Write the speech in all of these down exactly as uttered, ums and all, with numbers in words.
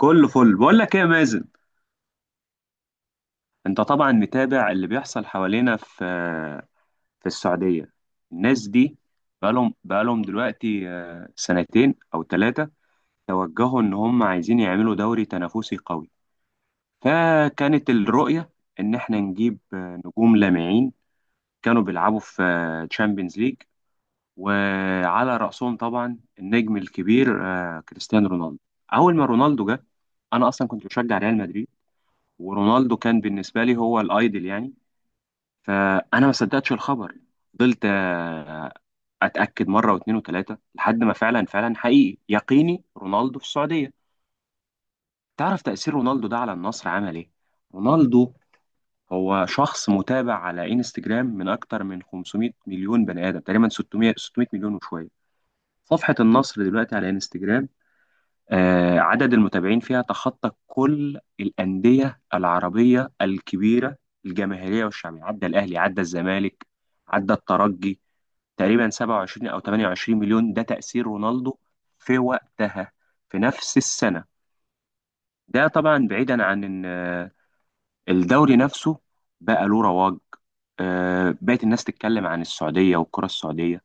كله فل، بقول لك ايه يا مازن؟ انت طبعا متابع اللي بيحصل حوالينا في في السعودية. الناس دي بقالهم بقالهم دلوقتي، آه، سنتين او ثلاثة. توجهوا ان هم عايزين يعملوا دوري تنافسي قوي، فكانت الرؤية ان احنا نجيب آه، نجوم لامعين كانوا بيلعبوا في تشامبيونز ليج، وعلى رأسهم طبعا النجم الكبير، آه، كريستيانو رونالدو. اول ما رونالدو جه، انا اصلا كنت بشجع ريال مدريد، ورونالدو كان بالنسبة لي هو الايدل يعني. فانا ما صدقتش الخبر، فضلت آه، اتاكد مرة واثنين وثلاثة لحد ما فعلا فعلا حقيقي يقيني رونالدو في السعودية. تعرف تأثير رونالدو ده على النصر عمل ايه؟ رونالدو هو شخص متابع على انستجرام من اكتر من خمس مئة مليون بني ادم، تقريبا ستمية ستمية مليون وشوية. صفحة النصر دلوقتي على انستجرام، آه، عدد المتابعين فيها تخطى كل الأندية العربية الكبيرة الجماهيرية والشعبية، عدى الأهلي، عدى الزمالك، عدى الترجي، تقريبا سبعة وعشرين أو 28 مليون. ده تأثير رونالدو في وقتها، في نفس السنة. ده طبعا بعيدا عن إن، آه، الدوري نفسه بقى له رواج، آه، بقت الناس تتكلم عن السعودية والكرة السعودية.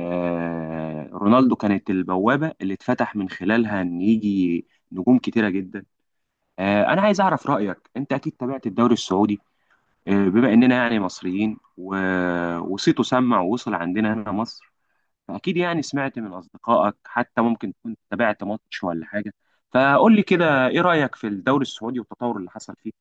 آه، رونالدو كانت البوابة اللي اتفتح من خلالها إن يجي نجوم كتيرة جدا. آه، انا عايز اعرف رايك، انت اكيد تابعت الدوري السعودي، آه، بما اننا يعني مصريين و... وصيته سمع ووصل عندنا هنا مصر، فاكيد يعني سمعت من اصدقائك، حتى ممكن تكون تابعت ماتش ولا حاجه. فقول لي كده، ايه رايك في الدوري السعودي والتطور اللي حصل فيه؟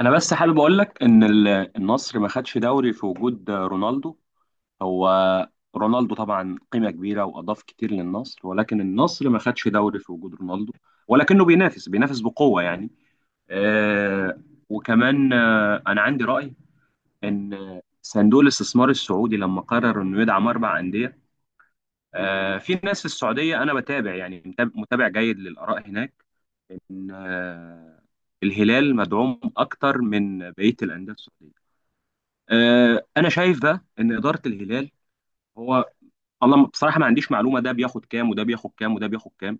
انا بس حابب اقول لك ان ال- النصر ما خدش دوري في وجود رونالدو. هو رونالدو طبعا قيمة كبيرة وأضاف كتير للنصر، ولكن النصر ما خدش دوري في وجود رونالدو، ولكنه بينافس بينافس بقوة يعني. آه وكمان آه أنا عندي رأي إن صندوق الاستثمار السعودي لما قرر إنه يدعم أربع أندية. آه في ناس في السعودية أنا بتابع يعني متابع متابع جيد للآراء هناك، إن آه الهلال مدعوم أكتر من بقية الأندية السعودية. آه أنا شايف بقى إن إدارة الهلال، هو والله ما- بصراحة ما عنديش معلومة ده بياخد كام وده بياخد كام وده بياخد كام.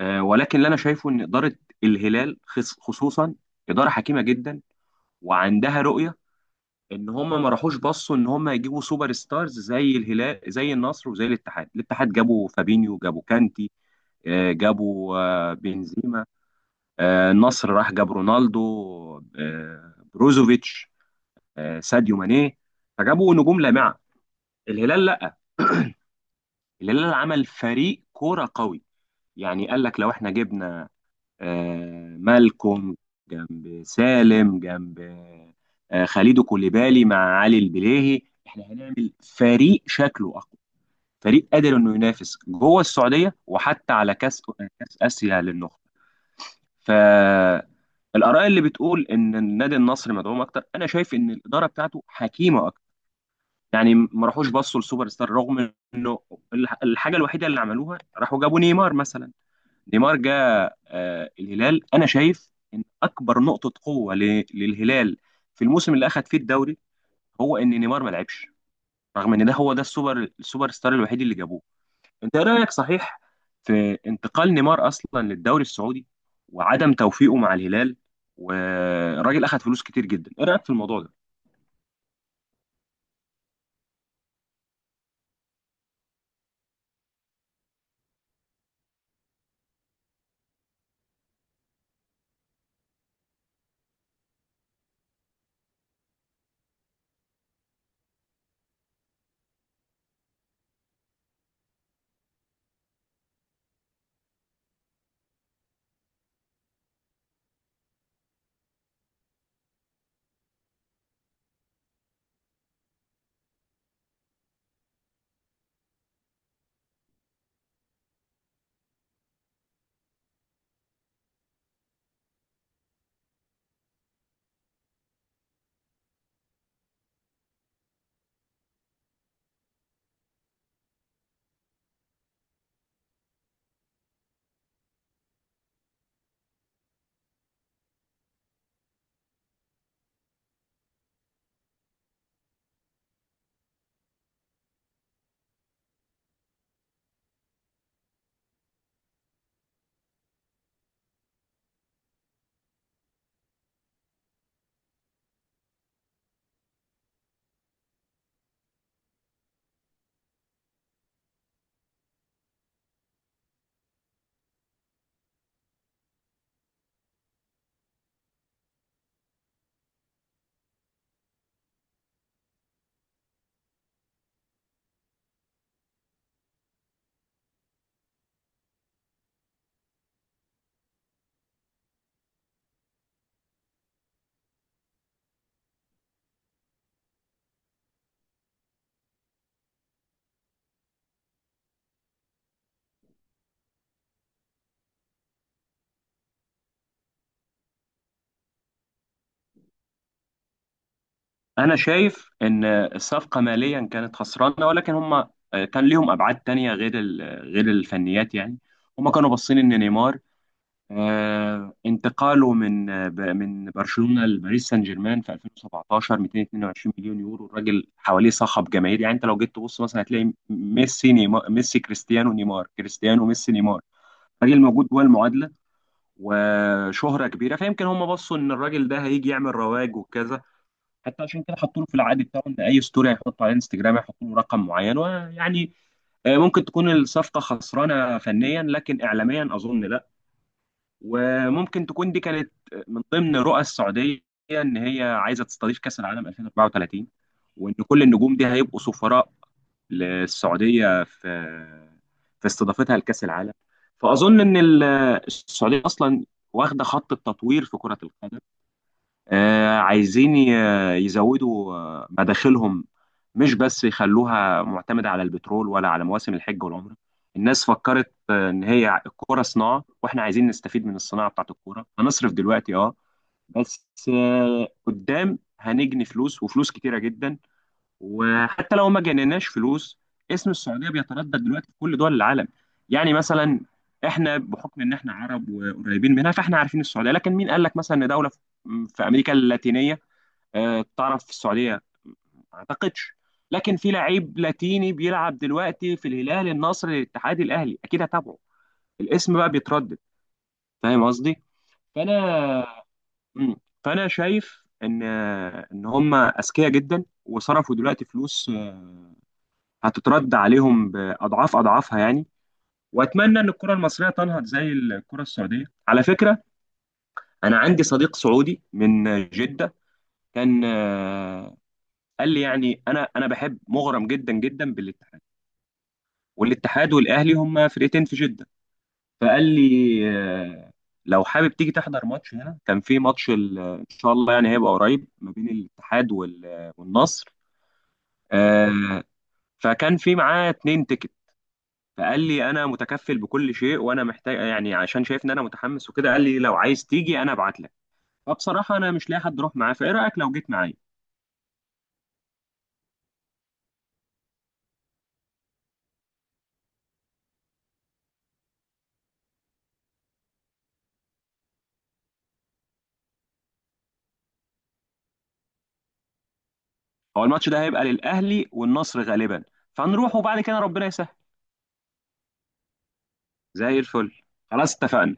آه ولكن اللي أنا شايفه إن إدارة الهلال خص- خصوصا إدارة حكيمة جدا وعندها رؤية. إن هم ما راحوش بصوا إن هم يجيبوا سوبر ستارز زي الهلال زي النصر وزي الاتحاد. الاتحاد جابوا فابينيو، جابوا كانتي، آه، جابوا آه، بنزيما. آه، النصر راح جاب رونالدو، آه، بروزوفيتش، آه، ساديو ماني. فجابوا نجوم لامعة. الهلال لا، الهلال عمل فريق كورة قوي. يعني قال لك لو احنا جبنا آه، مالكوم جنب سالم، جنب آه، خليدو كوليبالي مع علي البليهي، احنا هنعمل فريق شكله اقوى، فريق قادر انه ينافس جوه السعوديه وحتى على كاس كاس اسيا للنخبه. فالاراء اللي بتقول ان النادي النصر مدعوم اكتر، انا شايف ان الاداره بتاعته حكيمه اكتر، يعني ما راحوش بصوا لسوبر ستار. رغم انه الح- الحاجه الوحيده اللي عملوها راحوا جابوا نيمار مثلا. نيمار جاء آه، الهلال، انا شايف ان اكبر نقطه قوه ل- للهلال في الموسم اللي اخذ فيه الدوري، هو ان نيمار ما لعبش، رغم ان ده هو ده السوبر السوبر ستار الوحيد اللي جابوه. انت ايه رايك صحيح في انتقال نيمار اصلا للدوري السعودي، وعدم توفيقه مع الهلال، والراجل اخذ فلوس كتير جدا؟ ايه رايك في الموضوع ده؟ انا شايف ان الصفقه ماليا كانت خسرانه، ولكن هم آه، كان ليهم ابعاد تانية غير ال- غير الفنيات يعني. هم كانوا باصين ان نيمار، آه، انتقاله من آه، ب- من برشلونة لباريس سان جيرمان في ألفين وسبعتاشر، ميتين واتنين وعشرين مليون يورو مليون يورو. الراجل حواليه صخب جماهيري يعني، انت لو جيت تبص مثلا هتلاقي م- ميسي نيمار، ميسي كريستيانو، نيمار كريستيانو، ميسي نيمار. الراجل موجود جوه المعادلة وشهرة كبيرة. فيمكن هم بصوا ان الراجل ده هيجي يعمل رواج وكذا، حتى عشان كده حطوا له في العقد بتاعه ان اي ستوري هيحطه على انستجرام هيحطوا له رقم معين ويعني، آه، ممكن تكون الصفقة خسرانة فنيا لكن اعلاميا اظن لا. وممكن تكون دي كانت من ضمن رؤى السعودية، إن هي عايزة تستضيف كأس العالم ألفين واربعة وثلاثين، وإن كل النجوم دي هيبقوا سفراء للسعودية في في استضافتها لكأس العالم. فأظن إن ال- السعودية أصلا واخدة خط التطوير في كرة القدم، آه، عايزين ي- يزودوا آه، مداخلهم، مش بس يخلوها معتمدة على البترول ولا على مواسم الحج والعمرة. الناس فكرت آه، إن هي الكورة صناعة، وإحنا عايزين نستفيد من الصناعة بتاعت الكورة. هنصرف دلوقتي أه بس آه، قدام هنجني فلوس وفلوس كتيرة جدا. وحتى لو ما جنيناش فلوس، اسم السعوديه بيتردد دلوقتي في كل دول العالم. يعني مثلا احنا بحكم ان احنا عرب وقريبين منها، فاحنا عارفين السعوديه، لكن مين قال لك مثلا ان دوله في في امريكا اللاتينيه، آه، تعرف السعوديه؟ ما اعتقدش. لكن في لعيب لاتيني بيلعب دلوقتي في الهلال، النصر، الاتحاد، الاهلي، اكيد هتابعه. الاسم بقى بيتردد. فاهم قصدي؟ فانا مم. فانا شايف ان ان هم اذكياء جدا، وصرفوا دلوقتي فلوس آه، هتترد عليهم باضعاف اضعافها يعني. واتمنى ان الكره المصريه تنهض زي الكره السعوديه، على فكره. انا عندي صديق سعودي من جده، كان آه، قال لي يعني، انا انا بحب مغرم جدا جدا بالاتحاد، والاتحاد والاهلي هم فرقتين في جده. فقال لي آه، لو حابب تيجي تحضر ماتش هنا، كان في ماتش ال- ان شاء الله يعني هيبقى قريب ما بين الاتحاد وال- والنصر. آه، فكان في معاه اتنين تيكت. فقال لي انا متكفل بكل شيء وانا محتاج يعني عشان شايف ان انا متحمس وكده، قال لي لو عايز تيجي انا ابعت لك. فبصراحه انا مش لاقي حد اروح معاه، فايه رايك لو جيت معايا؟ هو الماتش ده هيبقى للاهلي والنصر غالبا، فهنروح وبعد كده ربنا يسهل. زي الفل، خلاص اتفقنا.